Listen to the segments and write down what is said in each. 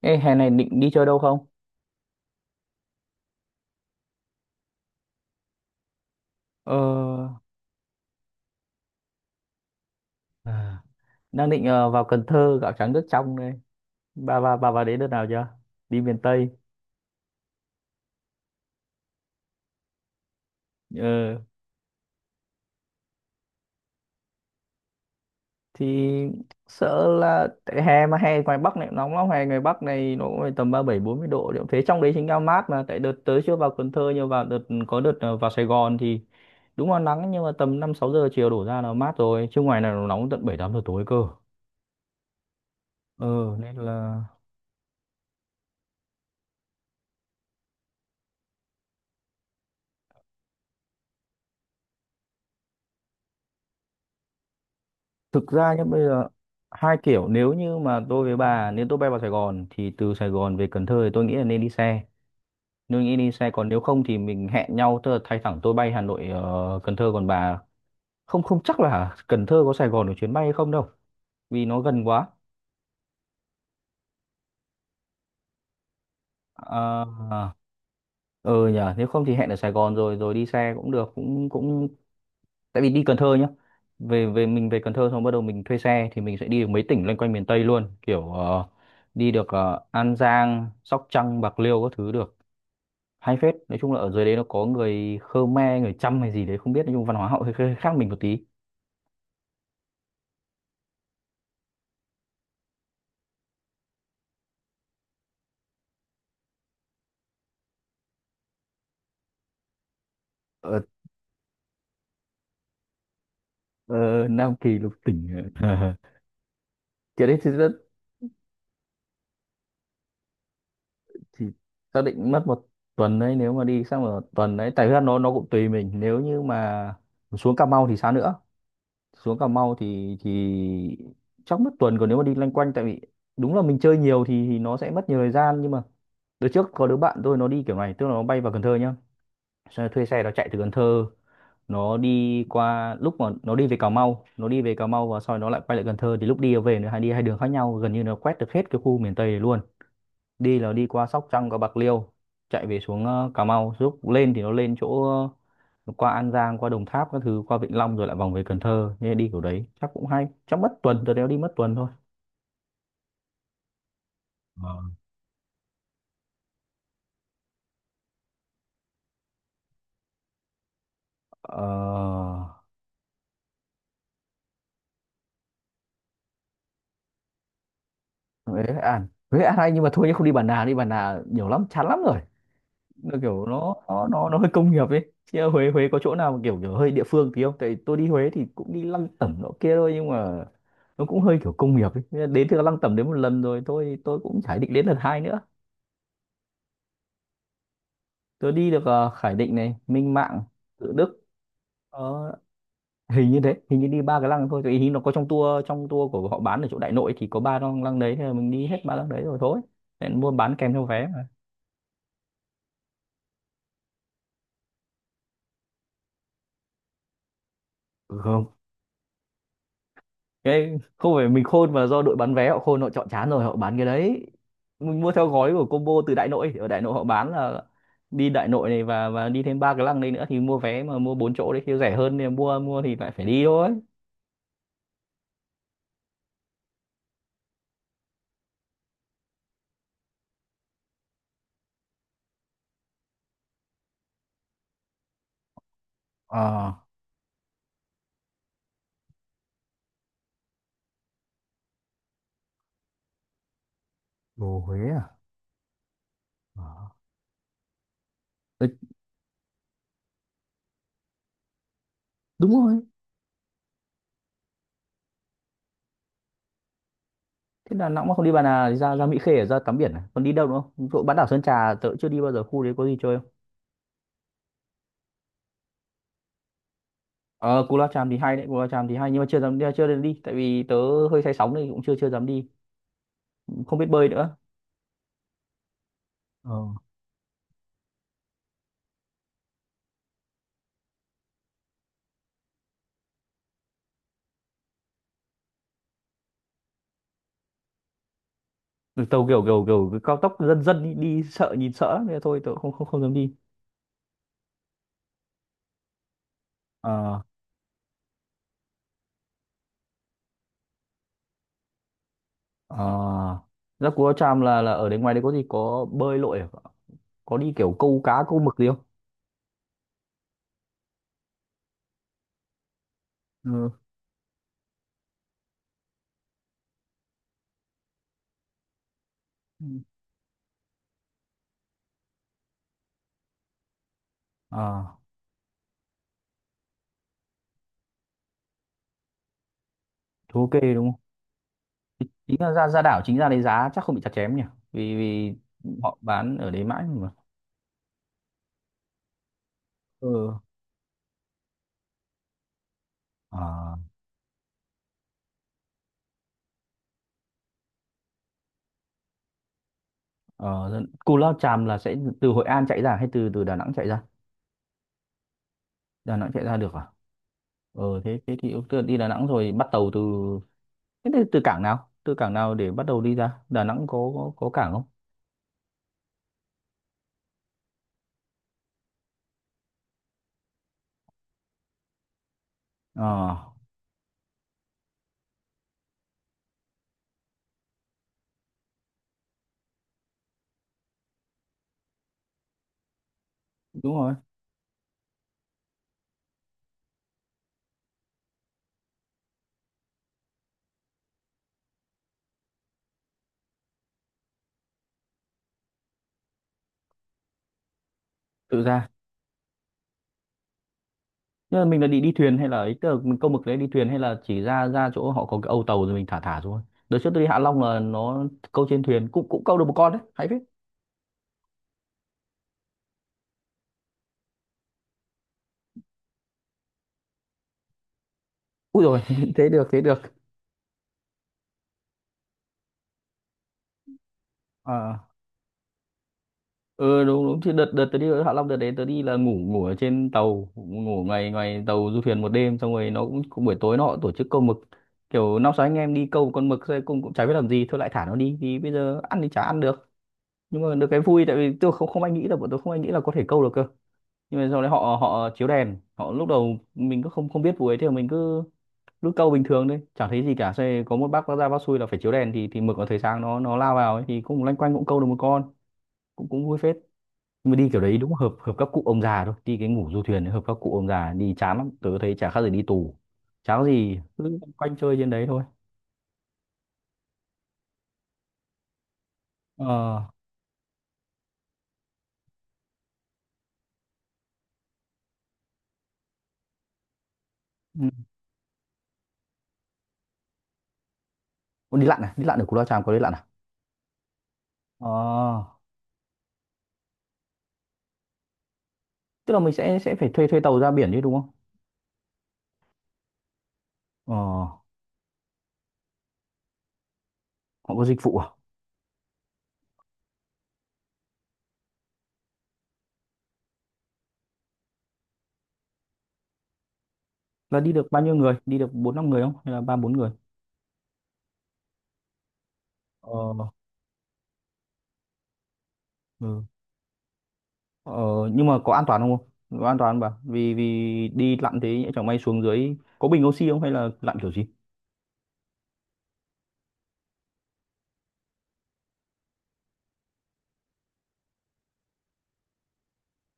Ê, hè này định đi chơi đâu không? Ờ, À, đang định vào Cần Thơ gạo trắng nước trong đây. Bà vào đấy đợt nào chưa? Đi miền Tây. Ờ, thì sợ là tại hè mà hè ngoài Bắc này cũng nóng lắm, hè ngoài Bắc này nó cũng phải tầm 37-40 độ. Liệu thế trong đấy chính là mát, mà tại đợt tới chưa vào Cần Thơ nhưng vào đợt có đợt vào Sài Gòn thì đúng là nắng, nhưng mà tầm 5-6 giờ chiều đổ ra là mát rồi, chứ ngoài này nó nóng tận 7-8 giờ tối cơ. Ờ, nên là thực ra nhá, bây giờ hai kiểu, nếu như mà tôi với bà, nếu tôi bay vào Sài Gòn thì từ Sài Gòn về Cần Thơ thì tôi nghĩ là nên đi xe, nên nghĩ đi xe. Còn nếu không thì mình hẹn nhau, tức là thay thẳng tôi bay Hà Nội Cần Thơ, còn bà không, không chắc là Cần Thơ có Sài Gòn được chuyến bay hay không đâu, vì nó gần quá. Ờ, ờ, nhờ nếu không thì hẹn ở Sài Gòn rồi rồi đi xe cũng được, cũng cũng tại vì đi Cần Thơ nhá, về về mình về Cần Thơ xong bắt đầu mình thuê xe thì mình sẽ đi được mấy tỉnh loanh quanh miền Tây luôn, kiểu đi được An Giang, Sóc Trăng, Bạc Liêu các thứ được, hay phết. Nói chung là ở dưới đấy nó có người Khmer, người Chăm hay gì đấy không biết, nói chung văn hóa họ hơi, hơi khác mình một tí. ở ờ, Nam Kỳ lục tỉnh. Ờ. Kiểu đấy thì rất, thì xác định mất một tuần đấy, nếu mà đi sang một tuần đấy, tại vì nó cũng tùy mình, nếu như mà xuống Cà Mau thì sao nữa, xuống Cà Mau thì chắc mất tuần. Còn nếu mà đi loanh quanh, tại vì đúng là mình chơi nhiều thì nó sẽ mất nhiều thời gian, nhưng mà đợt trước có đứa bạn tôi nó đi kiểu này, tức là nó bay vào Cần Thơ nhá, xong rồi thuê xe nó chạy từ Cần Thơ, nó đi qua lúc mà nó đi về Cà Mau, nó đi về Cà Mau và sau đó nó lại quay lại Cần Thơ, thì lúc đi và về nó hay đi hai đường khác nhau, gần như nó quét được hết cái khu miền Tây này luôn. Đi là đi qua Sóc Trăng, qua Bạc Liêu, chạy về xuống Cà Mau, lúc lên thì nó lên chỗ nó qua An Giang, qua Đồng Tháp các thứ, qua Vĩnh Long rồi lại vòng về Cần Thơ, nên đi kiểu đấy chắc cũng hay, chắc mất tuần, tôi đéo đi mất tuần thôi. Ờ. Ờ... Huế An, Huế An hay, nhưng mà thôi nhé, không đi Bản Nào, đi Bản Nào nhiều lắm, chán lắm rồi. Nó kiểu nó hơi công nghiệp ấy, chứ ở Huế, có chỗ nào mà kiểu kiểu hơi địa phương tí không, tại tôi đi Huế thì cũng đi lăng tẩm nọ kia thôi, nhưng mà nó cũng hơi kiểu công nghiệp ấy. Thế là đến từ lăng tẩm đến một lần rồi thôi, tôi cũng chả định đến lần hai nữa. Tôi đi được Khải Định này, Minh Mạng, Tự Đức. Ờ, hình như thế, hình như đi ba cái lăng thôi, tại hình nó có trong tour, của họ bán ở chỗ Đại Nội thì có ba lăng, lăng đấy thì mình đi hết ba lăng đấy rồi thôi, nên mua bán kèm theo vé mà. Ừ, cái không phải mình khôn mà do đội bán vé họ khôn, họ chọn chán rồi họ bán cái đấy. Mình mua theo gói của combo từ Đại Nội, ở Đại Nội họ bán là đi Đại Nội này và đi thêm ba cái lăng đây nữa, thì mua vé mà mua bốn chỗ đấy thì rẻ hơn, thì mua, thì lại phải đi thôi. Ờ. Đồ Huế à? Ờ. Đấy, đúng rồi. Thế Đà Nẵng mà không đi Bà Nà thì ra ra Mỹ Khê để ra tắm biển à? Còn đi đâu nữa không? Chỗ bán đảo Sơn Trà tớ chưa đi bao giờ, khu đấy có gì chơi không? Ờ, Cù Lao Chàm thì hay đấy, Cù Lao Chàm thì hay, nhưng mà chưa dám đi, tại vì tớ hơi say sóng nên cũng chưa chưa dám đi. Không biết bơi nữa. Ờ. Ừ, tàu kiểu kiểu kiểu cái cao tốc, dân dân đi, đi sợ, nhìn sợ lắm. Thế thôi tôi không không không dám đi. Ờ. Ờ, ra Cú Lao Chàm là ở đấy, ngoài đấy có gì, có bơi lội à? Có đi kiểu câu cá, câu mực gì không? Ừ. Ừ. Ờ thôi, ok đúng không. Thì chính là ra, đảo, chính ra đấy giá chắc không bị chặt chém nhỉ, vì vì họ bán ở đấy mãi mà. Ừ. Ờ. Ờ, dân- Cú Lao Chàm là sẽ từ Hội An chạy ra hay từ từ Đà Nẵng chạy ra? Đà Nẵng chạy ra được à? Ờ thế, thì ok, đi Đà Nẵng rồi bắt tàu từ thế thì từ cảng nào? Từ cảng nào để bắt đầu đi ra? Đà Nẵng có cảng không? Ờ, đúng rồi, tự ra. Nhưng mà mình là đi đi thuyền hay là ấy, tức là mình câu mực đấy đi thuyền hay là chỉ ra ra chỗ họ có cái âu tàu rồi mình thả thả xuống. Đợt trước tôi đi Hạ Long là nó câu trên thuyền, cũng cũng câu được một con đấy, hay phết. Ui rồi, thế được, thế được. Ờ. Ừ, đúng, đúng chứ, đợt đợt tớ đi Hạ Long, đợt đấy tớ đi là ngủ ngủ ở trên tàu, ngủ ngoài ngoài tàu du thuyền một đêm, xong rồi nó cũng, cũng buổi tối nó cũng tổ chức câu mực, kiểu năm sáu anh em đi câu một con mực thôi, cũng cũng chả biết làm gì thôi lại thả nó đi, thì bây giờ ăn thì chả ăn được, nhưng mà được cái vui, tại vì tôi không không ai nghĩ là bọn tôi không ai nghĩ là có thể câu được cơ. Nhưng mà sau đấy họ họ chiếu đèn, họ lúc đầu mình cứ không không biết vụ ấy thì mình cứ lúc câu bình thường đấy chẳng thấy gì cả. Xong rồi có một bác ra, bác xui là phải chiếu đèn thì mực nó thấy sáng nó lao vào ấy, thì cũng loanh quanh cũng câu được một con, cũng cũng vui phết. Nhưng mà đi kiểu đấy đúng hợp hợp các cụ ông già thôi, đi cái ngủ du thuyền ấy, hợp các cụ ông già đi chán lắm, tớ thấy chả khác gì đi tù, chán, có gì cứ quanh chơi trên đấy thôi. Ờ. Ừ. Ủa, đi lặn à, đi lặn ở Cù Lao Chàm có đi lặn à? Ờ, tức là mình sẽ phải thuê thuê tàu ra biển chứ, đúng không? Ờ, họ có dịch vụ à? Là đi được bao nhiêu người, đi được bốn năm người không hay là ba bốn người? Ờ. Ừ. ờ nhưng mà có an toàn không? Không, có an toàn không bà? Vì vì đi lặn thế nhỡ chẳng may xuống dưới có bình oxy không hay là lặn kiểu gì?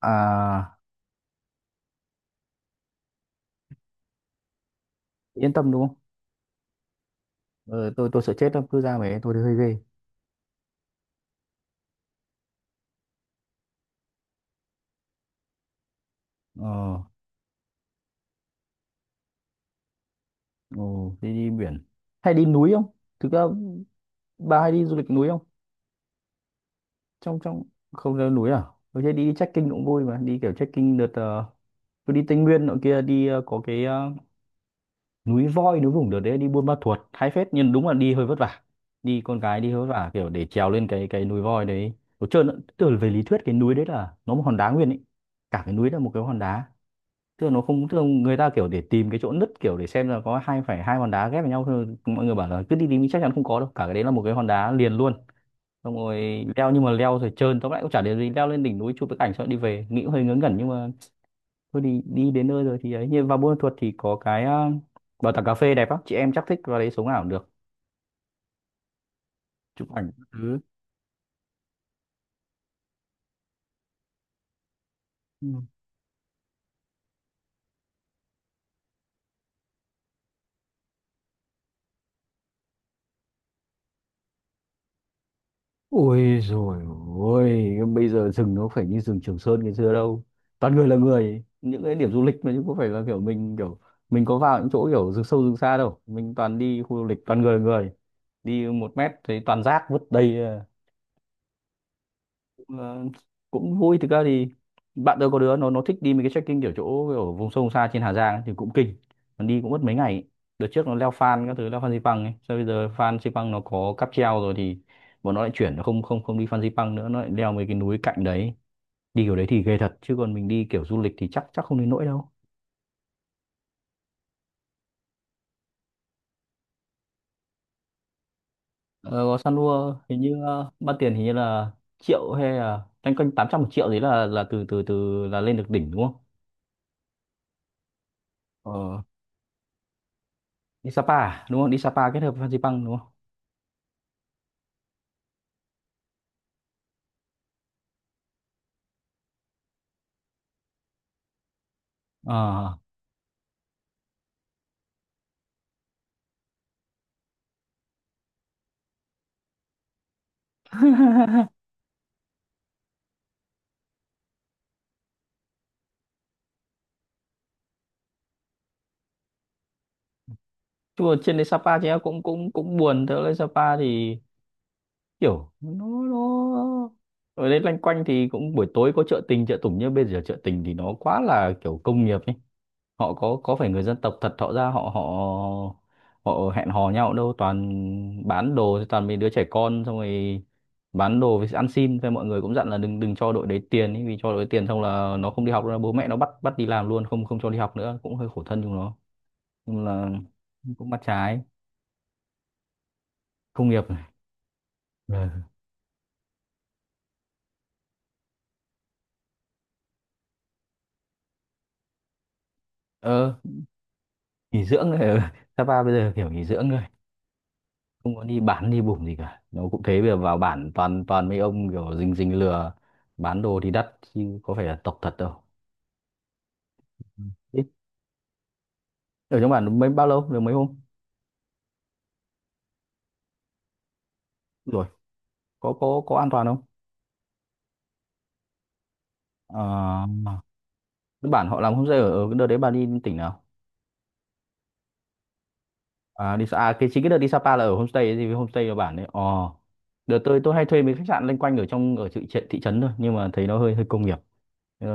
à Yên tâm đúng không? Ờ, tôi sợ chết lắm, cứ ra mấy tôi thấy hơi ghê. ờ ừ, đi đi biển hay đi núi không? Thực ra bà hay đi du lịch núi không? Trong trong Không leo núi à? Tôi thấy đi trekking cũng vui mà, đi kiểu trekking đợt tôi đi Tây Nguyên nọ kia, đi có cái núi voi núi vùng. Đợt đấy đi Buôn Ma Thuột hay phết, nhưng đúng là đi hơi vất vả, đi con gái đi hơi vất vả, kiểu để trèo lên cái núi voi đấy. Tôi trơn từ về lý thuyết cái núi đấy là nó một hòn đá nguyên ấy, cả cái núi là một cái hòn đá. Tức là nó không, tức là người ta kiểu để tìm cái chỗ nứt, kiểu để xem là có hai hòn đá ghép với nhau thôi, mọi người bảo là cứ đi tìm thì chắc chắn không có đâu, cả cái đấy là một cái hòn đá liền luôn. Xong rồi leo, nhưng mà leo rồi trơn, tóm lại cũng chả để gì, leo lên đỉnh núi chụp cái ảnh xong rồi đi về, nghĩ cũng hơi ngớ ngẩn. Nhưng mà thôi, đi đi đến nơi rồi thì ấy, như vào Buôn Ma Thuột thì có cái bảo tàng cà phê đẹp lắm, chị em chắc thích vào đấy sống ảo được, chụp ảnh các thứ. Ừ. Ôi rồi, ôi bây giờ rừng nó phải như rừng Trường Sơn ngày xưa đâu, toàn người là người, những cái điểm du lịch mà, chứ có phải là kiểu mình có vào những chỗ kiểu rừng sâu rừng xa đâu, mình toàn đi khu du lịch toàn người là người, đi một mét thấy toàn rác vứt đầy. Ờ, cũng vui. Thực ra thì bạn tôi có đứa nó thích đi mấy cái trekking kiểu chỗ ở vùng sâu vùng xa trên Hà Giang ấy, thì cũng kinh, còn đi cũng mất mấy ngày ấy. Đợt trước nó leo Phan các thứ, leo Phan Xipang ấy, sau bây giờ Phan Xipang nó có cáp treo rồi thì bọn nó lại chuyển, nó không không không đi Phan Xipang nữa, nó lại leo mấy cái núi cạnh đấy. Đi kiểu đấy thì ghê thật, chứ còn mình đi kiểu du lịch thì chắc chắc không đến nỗi đâu. Ờ, có San Lua hình như ban tiền hình như là triệu hay là canh quanh 800 một triệu đấy, là từ từ từ là lên được đỉnh đúng không? Ờ, đi Sapa à? Đúng không, đi Sapa kết hợp với Phan Xipang đúng không? Ờ. Chứ mà trên đấy Sapa thì em cũng cũng cũng buồn thế, lên Sapa thì kiểu nó ở đây loanh quanh thì cũng buổi tối có chợ tình chợ tủng, nhưng bây giờ chợ tình thì nó quá là kiểu công nghiệp ấy, họ có phải người dân tộc thật họ ra họ họ họ hẹn hò nhau đâu, toàn bán đồ thì toàn mấy đứa trẻ con, xong rồi bán đồ với ăn xin, thế mọi người cũng dặn là đừng đừng cho đội đấy tiền ấy, vì cho đội đấy tiền xong là nó không đi học nữa, bố mẹ nó bắt bắt đi làm luôn, không không cho đi học nữa, cũng hơi khổ thân chúng nó. Nhưng là cũng mắt trái, công nghiệp này, ờ, ờ, nghỉ dưỡng này, Sapa bây giờ kiểu nghỉ dưỡng rồi, không có đi bán đi bủng gì cả. Nó cũng thế, bây giờ vào bản toàn toàn mấy ông kiểu rình rình lừa, bán đồ thì đắt, chứ có phải là tộc thật đâu. Ừ. Ít. Ở trong bản mấy bao lâu? Được mấy hôm? Rồi, có có an toàn không? Ờ, cái bản họ làm homestay ở, ở cái đợt đấy bà đi tỉnh nào? À, đi Sa- à, cái chính cái đợt đi Sapa là ở homestay ấy, thì homestay ở bản đấy. Ờ. Đợt tôi, hay thuê mấy khách sạn loanh quanh ở trong ở thị, thị trấn thôi, nhưng mà thấy nó hơi hơi công nghiệp. Ờ,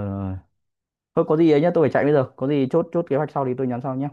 thôi có gì ấy nhá, tôi phải chạy bây giờ, có gì chốt chốt kế hoạch sau thì tôi nhắn sau nhé.